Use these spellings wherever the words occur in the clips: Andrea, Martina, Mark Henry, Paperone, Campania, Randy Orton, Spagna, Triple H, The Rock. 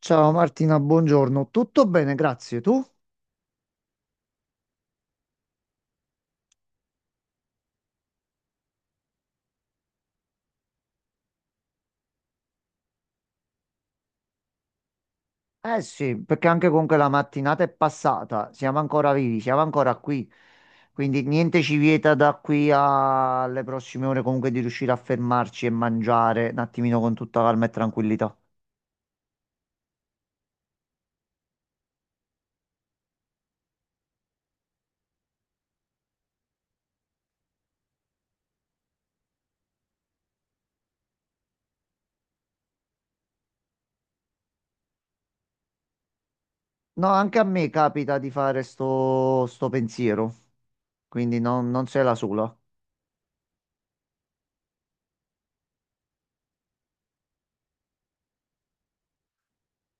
Ciao Martina, buongiorno. Tutto bene, grazie. Tu? Eh sì, perché anche comunque la mattinata è passata, siamo ancora vivi, siamo ancora qui. Quindi niente ci vieta da qui alle prossime ore comunque di riuscire a fermarci e mangiare un attimino con tutta calma e tranquillità. No, anche a me capita di fare sto pensiero, quindi non sei la sola.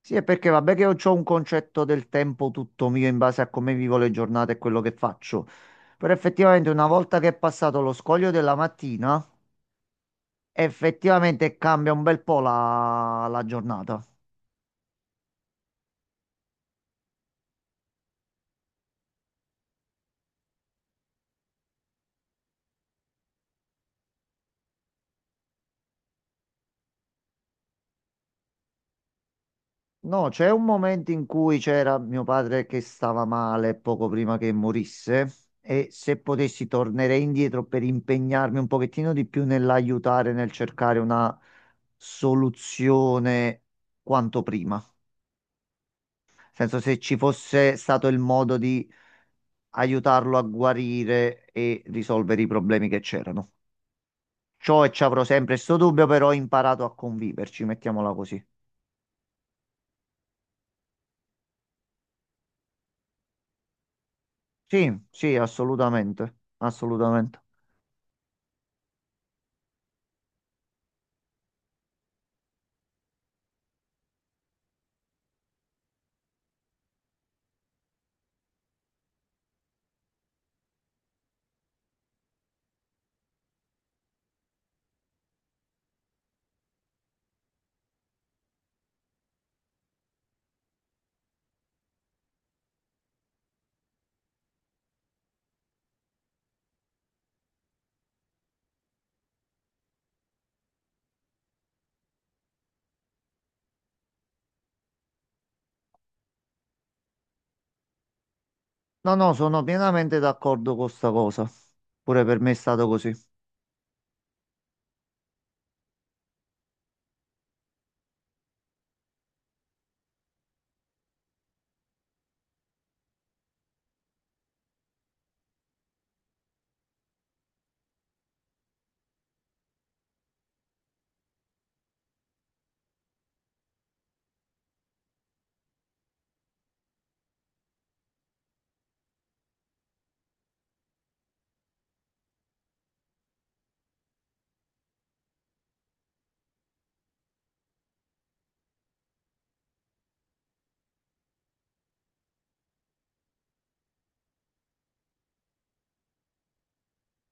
Sì, è perché vabbè che io ho un concetto del tempo tutto mio in base a come vivo le giornate e quello che faccio. Però effettivamente una volta che è passato lo scoglio della mattina, effettivamente cambia un bel po' la giornata. No, c'è un momento in cui c'era mio padre che stava male poco prima che morisse e se potessi tornerei indietro per impegnarmi un pochettino di più nell'aiutare, nel cercare una soluzione quanto prima. Nel senso, se ci fosse stato il modo di aiutarlo a guarire e risolvere i problemi che c'erano. Ciò e ci avrò sempre sto dubbio, però ho imparato a conviverci, mettiamola così. Sì, sì, assolutamente, assolutamente. No, no, sono pienamente d'accordo con sta cosa. Pure per me è stato così.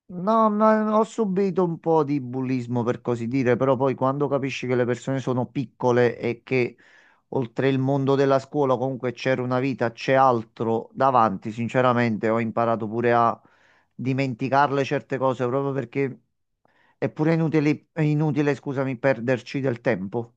No, ma ho subito un po' di bullismo per così dire, però poi quando capisci che le persone sono piccole e che oltre il mondo della scuola, comunque c'era una vita, c'è altro davanti. Sinceramente, ho imparato pure a dimenticarle certe cose proprio perché è pure inutile, è inutile, scusami, perderci del tempo.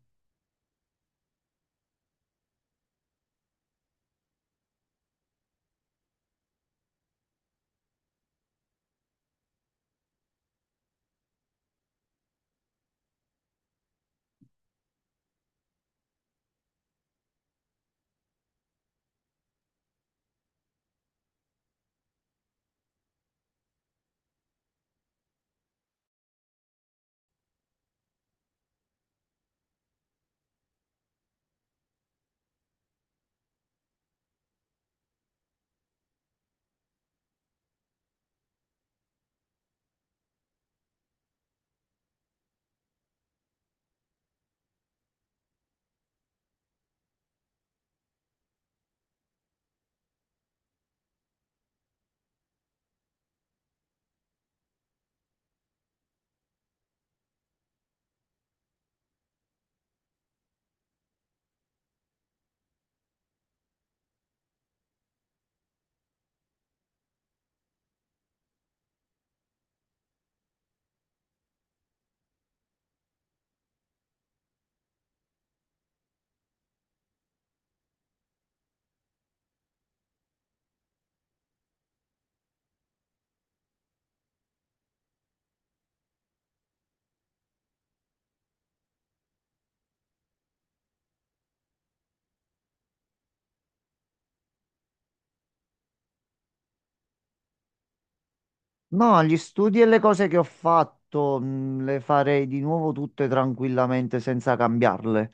No, gli studi e le cose che ho fatto, le farei di nuovo tutte tranquillamente senza cambiarle.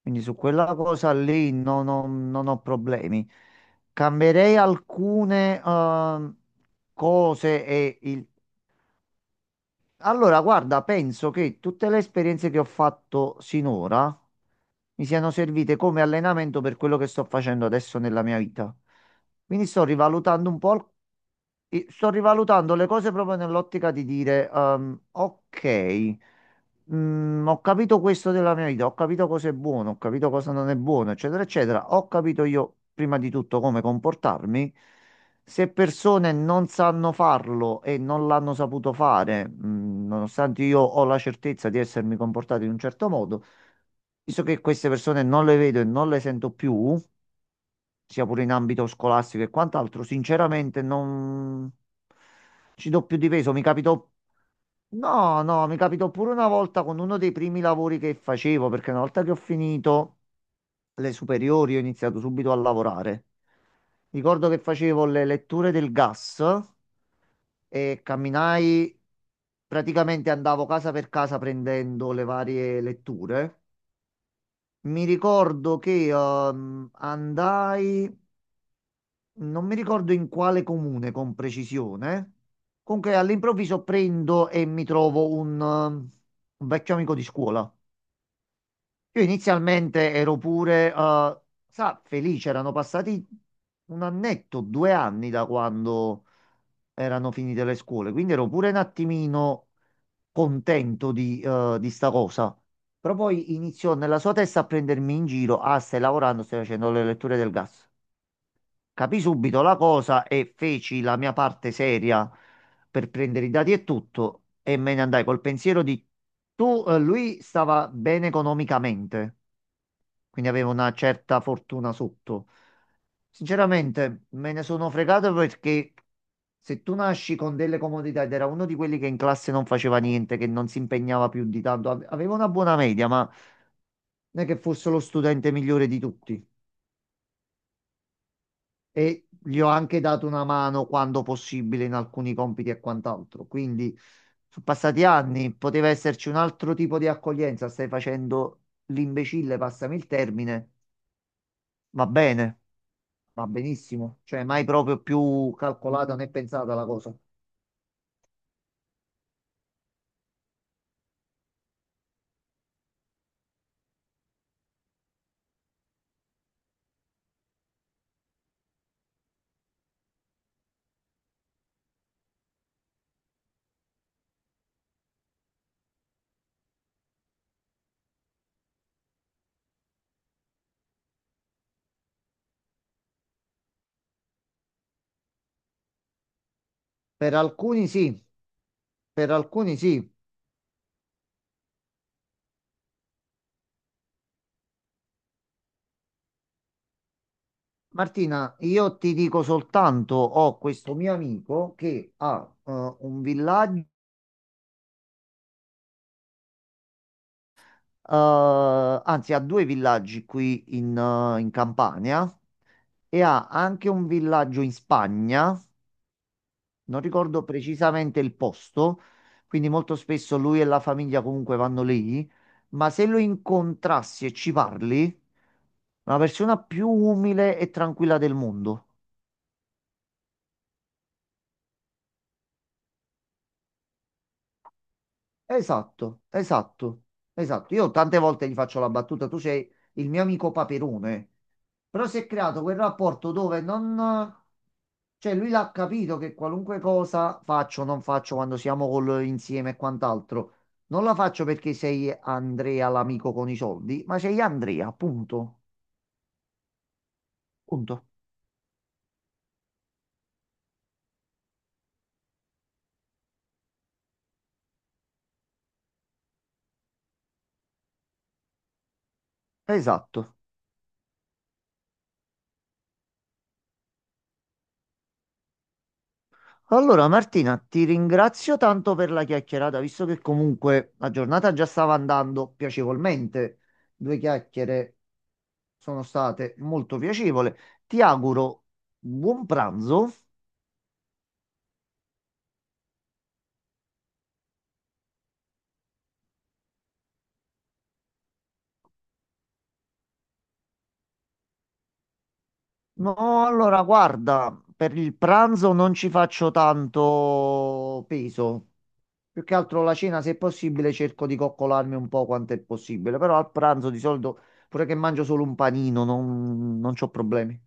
Quindi su quella cosa lì non ho problemi. Cambierei alcune cose e il Allora, guarda, penso che tutte le esperienze che ho fatto sinora mi siano servite come allenamento per quello che sto facendo adesso nella mia vita. Quindi sto rivalutando un po', sto rivalutando le cose proprio nell'ottica di dire, ok, mm, ho capito questo della mia vita, ho capito cosa è buono, ho capito cosa non è buono, eccetera, eccetera. Ho capito io prima di tutto come comportarmi. Se persone non sanno farlo e non l'hanno saputo fare, nonostante io ho la certezza di essermi comportato in un certo modo, visto che queste persone non le vedo e non le sento più, sia pure in ambito scolastico e quant'altro, sinceramente non ci do più di peso. Mi capitò, no, no, mi capitò pure una volta con uno dei primi lavori che facevo, perché una volta che ho finito le superiori ho iniziato subito a lavorare. Ricordo che facevo le letture del gas e camminai, praticamente andavo casa per casa prendendo le varie letture. Mi ricordo che andai, non mi ricordo in quale comune con precisione, comunque all'improvviso prendo e mi trovo un un vecchio amico di scuola. Io inizialmente ero pure, sa, felice, erano passati un annetto, due anni da quando erano finite le scuole, quindi ero pure un attimino contento di di sta cosa. Però poi iniziò nella sua testa a prendermi in giro, ah, stai lavorando, stai facendo le letture del gas. Capì subito la cosa e feci la mia parte seria per prendere i dati e tutto e me ne andai col pensiero di lui stava bene economicamente quindi avevo una certa fortuna sotto. Sinceramente, me ne sono fregato perché se tu nasci con delle comodità ed era uno di quelli che in classe non faceva niente, che non si impegnava più di tanto, aveva una buona media, ma non è che fosse lo studente migliore di tutti. E gli ho anche dato una mano quando possibile in alcuni compiti e quant'altro. Quindi sono passati anni, poteva esserci un altro tipo di accoglienza. Stai facendo l'imbecille, passami il termine, va bene. Va benissimo, cioè mai proprio più calcolata né pensata la cosa. Per alcuni sì, per alcuni sì. Martina, io ti dico soltanto, ho questo mio amico che ha un villaggio, anzi ha due villaggi qui in Campania e ha anche un villaggio in Spagna, non ricordo precisamente il posto, quindi molto spesso lui e la famiglia comunque vanno lì, ma se lo incontrassi e ci parli, è una persona più umile e tranquilla del mondo. Esatto, esatto, esatto. Io tante volte gli faccio la battuta, tu sei il mio amico Paperone. Però si è creato quel rapporto dove non... Cioè lui l'ha capito che qualunque cosa faccio o non faccio quando siamo insieme e quant'altro, non la faccio perché sei Andrea l'amico con i soldi, ma sei Andrea, punto. Punto. Esatto. Allora Martina, ti ringrazio tanto per la chiacchierata, visto che comunque la giornata già stava andando piacevolmente. Due chiacchiere sono state molto piacevoli. Ti auguro buon pranzo. No, allora guarda, per il pranzo non ci faccio tanto peso. Più che altro la cena, se è possibile, cerco di coccolarmi un po' quanto è possibile. Però al pranzo di solito, pure che mangio solo un panino, non c'ho problemi.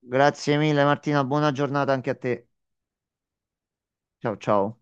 Grazie mille Martina, buona giornata anche a te. Ciao ciao.